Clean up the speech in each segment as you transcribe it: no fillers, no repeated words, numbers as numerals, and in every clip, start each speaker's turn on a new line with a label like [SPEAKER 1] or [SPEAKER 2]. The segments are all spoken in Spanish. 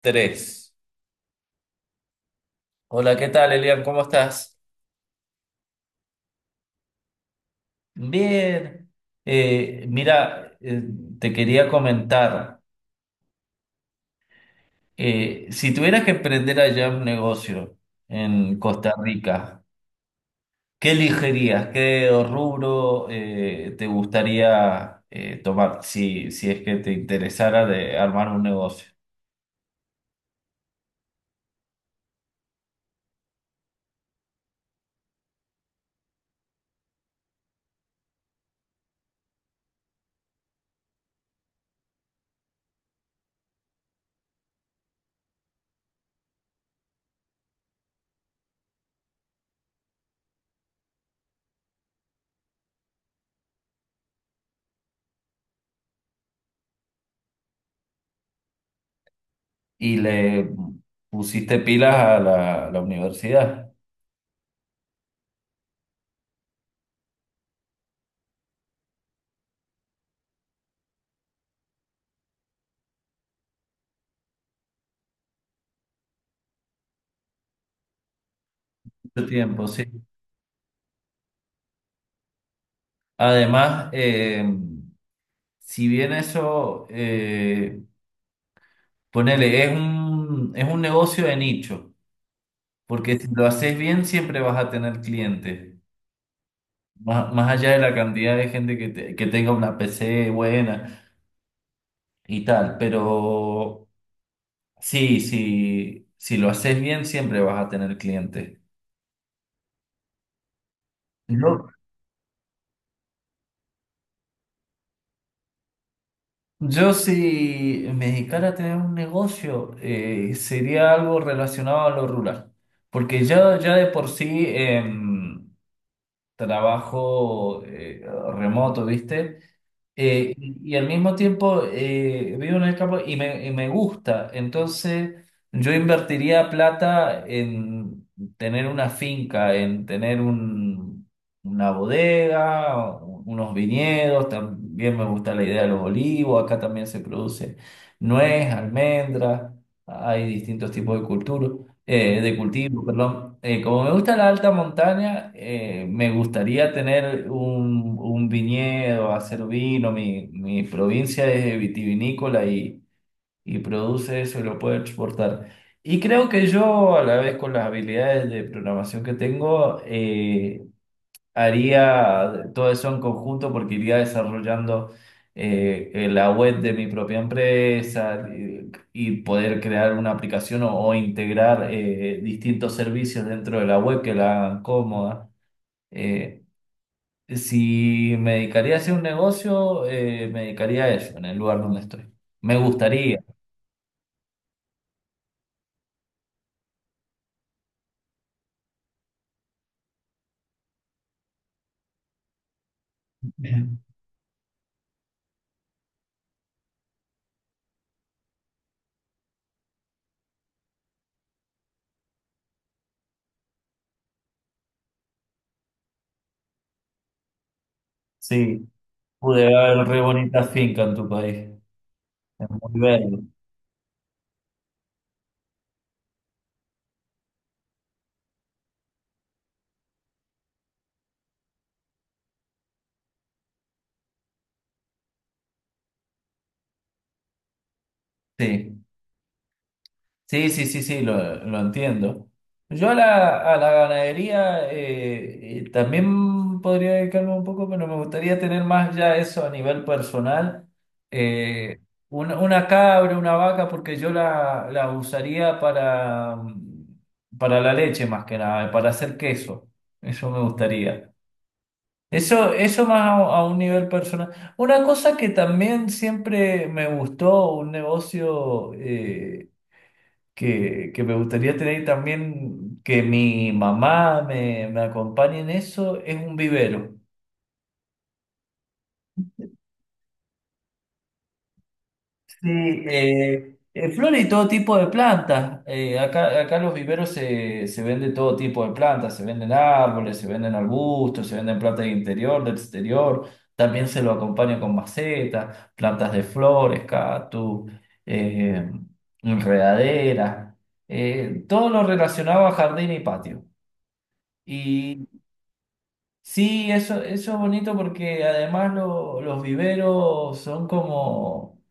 [SPEAKER 1] Tres. Hola, ¿qué tal, Elian? ¿Cómo estás? Bien. Mira, te quería comentar, si tuvieras que emprender allá un negocio en Costa Rica, ¿qué elegirías? ¿Qué rubro te gustaría tomar si es que te interesara de armar un negocio? Y le pusiste pilas a la universidad. Mucho tiempo, sí. Además, si bien eso, ponele, es es un negocio de nicho, porque si lo haces bien siempre vas a tener clientes, más allá de la cantidad de gente que que tenga una PC buena y tal, pero sí, sí, si lo haces bien siempre vas a tener clientes. Yo, yo si me dedicara a tener un negocio, sería algo relacionado a lo rural, porque ya de por sí, trabajo remoto, ¿viste? Y al mismo tiempo vivo en el campo y me gusta. Entonces yo invertiría plata en tener una finca, en tener una bodega, unos viñedos. También me gusta la idea de los olivos. Acá también se produce nuez, almendra. Hay distintos tipos de cultura de cultivo, perdón. Como me gusta la alta montaña, me gustaría tener un viñedo, hacer vino. Mi provincia es vitivinícola y produce eso y lo puede exportar. Y creo que yo, a la vez con las habilidades de programación que tengo, haría todo eso en conjunto porque iría desarrollando la web de mi propia empresa y poder crear una aplicación o integrar distintos servicios dentro de la web que la hagan cómoda. Eh, si me dedicaría a hacer un negocio, me dedicaría a eso, en el lugar donde estoy. Me gustaría. Sí. Pude ver re bonita finca en tu país. Es muy verde. Sí. Sí, sí, sí, sí, lo entiendo. Yo a a la ganadería también podría dedicarme un poco, pero me gustaría tener más ya eso a nivel personal. Eh, una cabra, una vaca, porque yo la usaría para para la leche más que nada, para hacer queso. Eso me gustaría. Eso más a un nivel personal. Una cosa que también siempre me gustó, un negocio, que me gustaría tener también, que mi mamá me acompañe en eso, es un vivero. Sí, flores y todo tipo de plantas. Acá en los viveros se vende todo tipo de plantas, se venden árboles, se venden arbustos, se venden plantas de interior, de exterior. También se lo acompaña con macetas, plantas de flores, cactus, eh, enredaderas, todo lo relacionado a jardín y patio. Sí, eso es bonito porque además los viveros son como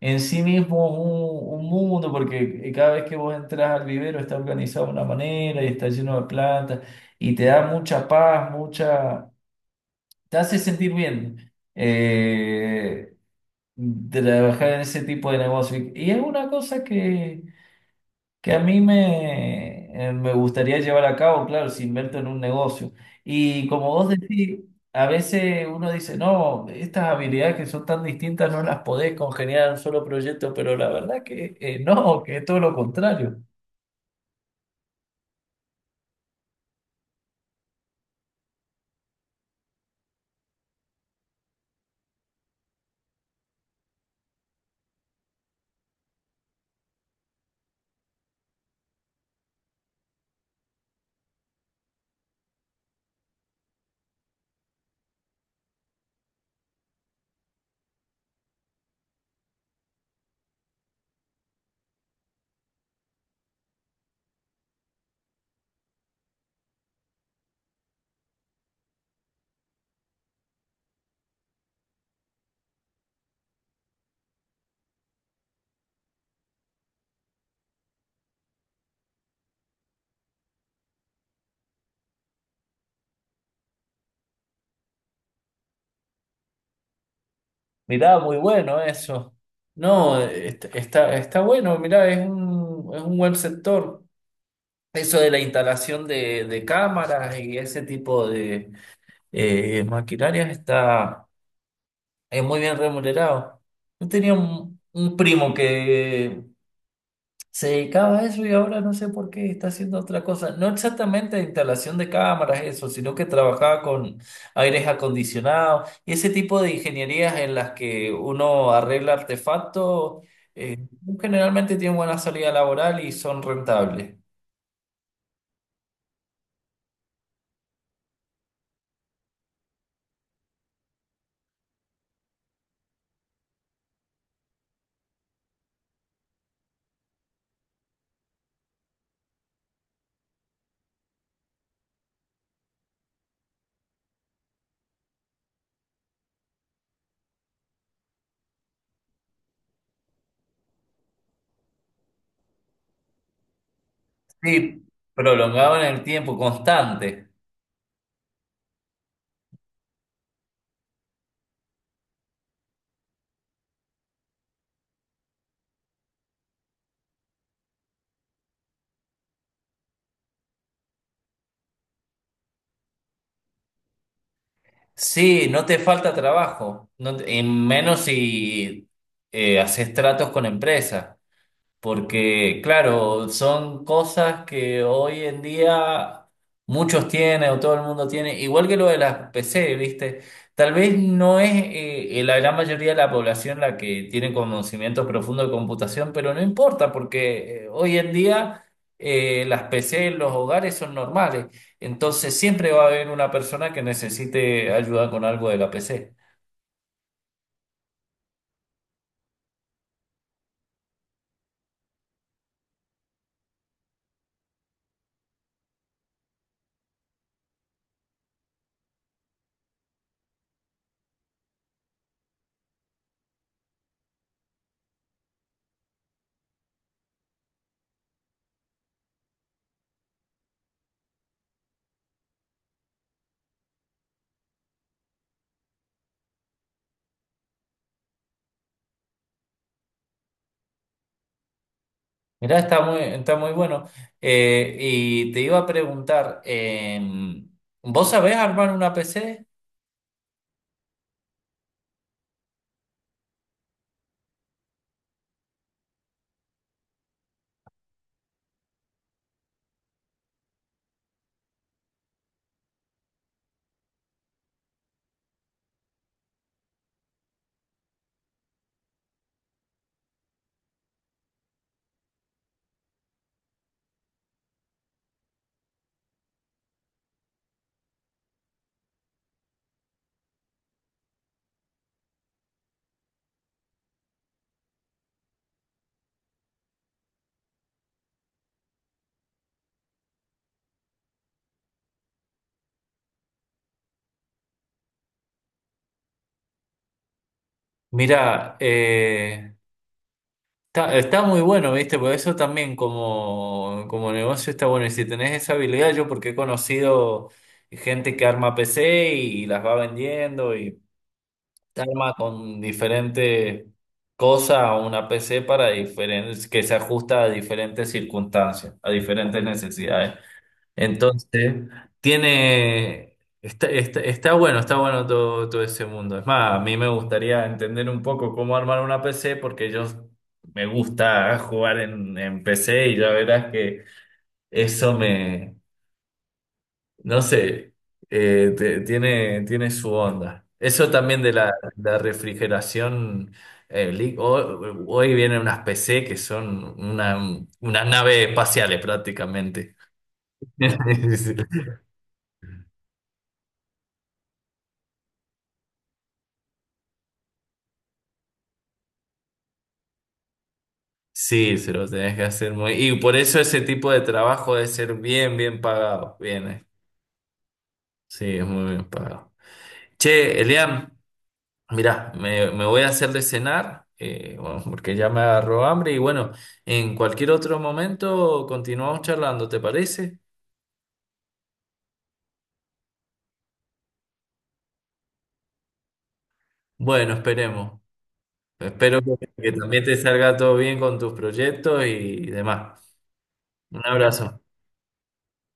[SPEAKER 1] en sí mismos un mundo, porque cada vez que vos entras al vivero está organizado de una manera y está lleno de plantas y te da mucha paz, mucha... te hace sentir bien trabajar en ese tipo de negocio. Y es una cosa que a mí me gustaría llevar a cabo, claro, si invierto en un negocio. Y como vos decís, a veces uno dice, no, estas habilidades que son tan distintas no las podés congeniar en un solo proyecto, pero la verdad que no, que es todo lo contrario. Mirá, muy bueno eso. No, está, está bueno, mirá, es es un buen sector. Eso de la instalación de cámaras y ese tipo de maquinarias está... es muy bien remunerado. Yo tenía un primo que se dedicaba a eso y ahora no sé por qué está haciendo otra cosa. No exactamente instalación de cámaras, eso, sino que trabajaba con aires acondicionados y ese tipo de ingenierías en las que uno arregla artefactos. Eh, generalmente tienen buena salida laboral y son rentables. Sí, prolongado en el tiempo, constante. Sí, no te falta trabajo, y menos si haces tratos con empresas. Porque, claro, son cosas que hoy en día muchos tienen o todo el mundo tiene, igual que lo de las PC, ¿viste? Tal vez no es la gran mayoría de la población la que tiene conocimiento profundo de computación, pero no importa, porque hoy en día las PC en los hogares son normales, entonces siempre va a haber una persona que necesite ayuda con algo de la PC. Mirá, está muy bueno. Y te iba a preguntar, ¿vos sabés armar una PC? Mira está, está muy bueno, ¿viste? Por eso también como, como negocio está bueno. Y si tenés esa habilidad, yo porque he conocido gente que arma PC y las va vendiendo y te arma con diferentes cosas una PC para diferentes, que se ajusta a diferentes circunstancias, a diferentes necesidades. Entonces, tiene, está, está, está bueno todo, todo ese mundo. Es más, a mí me gustaría entender un poco cómo armar una PC porque yo me gusta jugar en PC y ya verás que eso me, no sé, tiene, tiene su onda. Eso también de la refrigeración. eh, li- ho- hoy vienen unas PC que son una, unas naves espaciales prácticamente. Sí, se lo tenés que hacer muy... Y por eso ese tipo de trabajo debe ser bien, bien pagado. Bien, eh. Sí, es muy bien pagado. Che, Elian, mirá, me voy a hacer de cenar, bueno, porque ya me agarró hambre y bueno, en cualquier otro momento continuamos charlando, ¿te parece? Bueno, esperemos. Espero que también te salga todo bien con tus proyectos y demás. Un abrazo.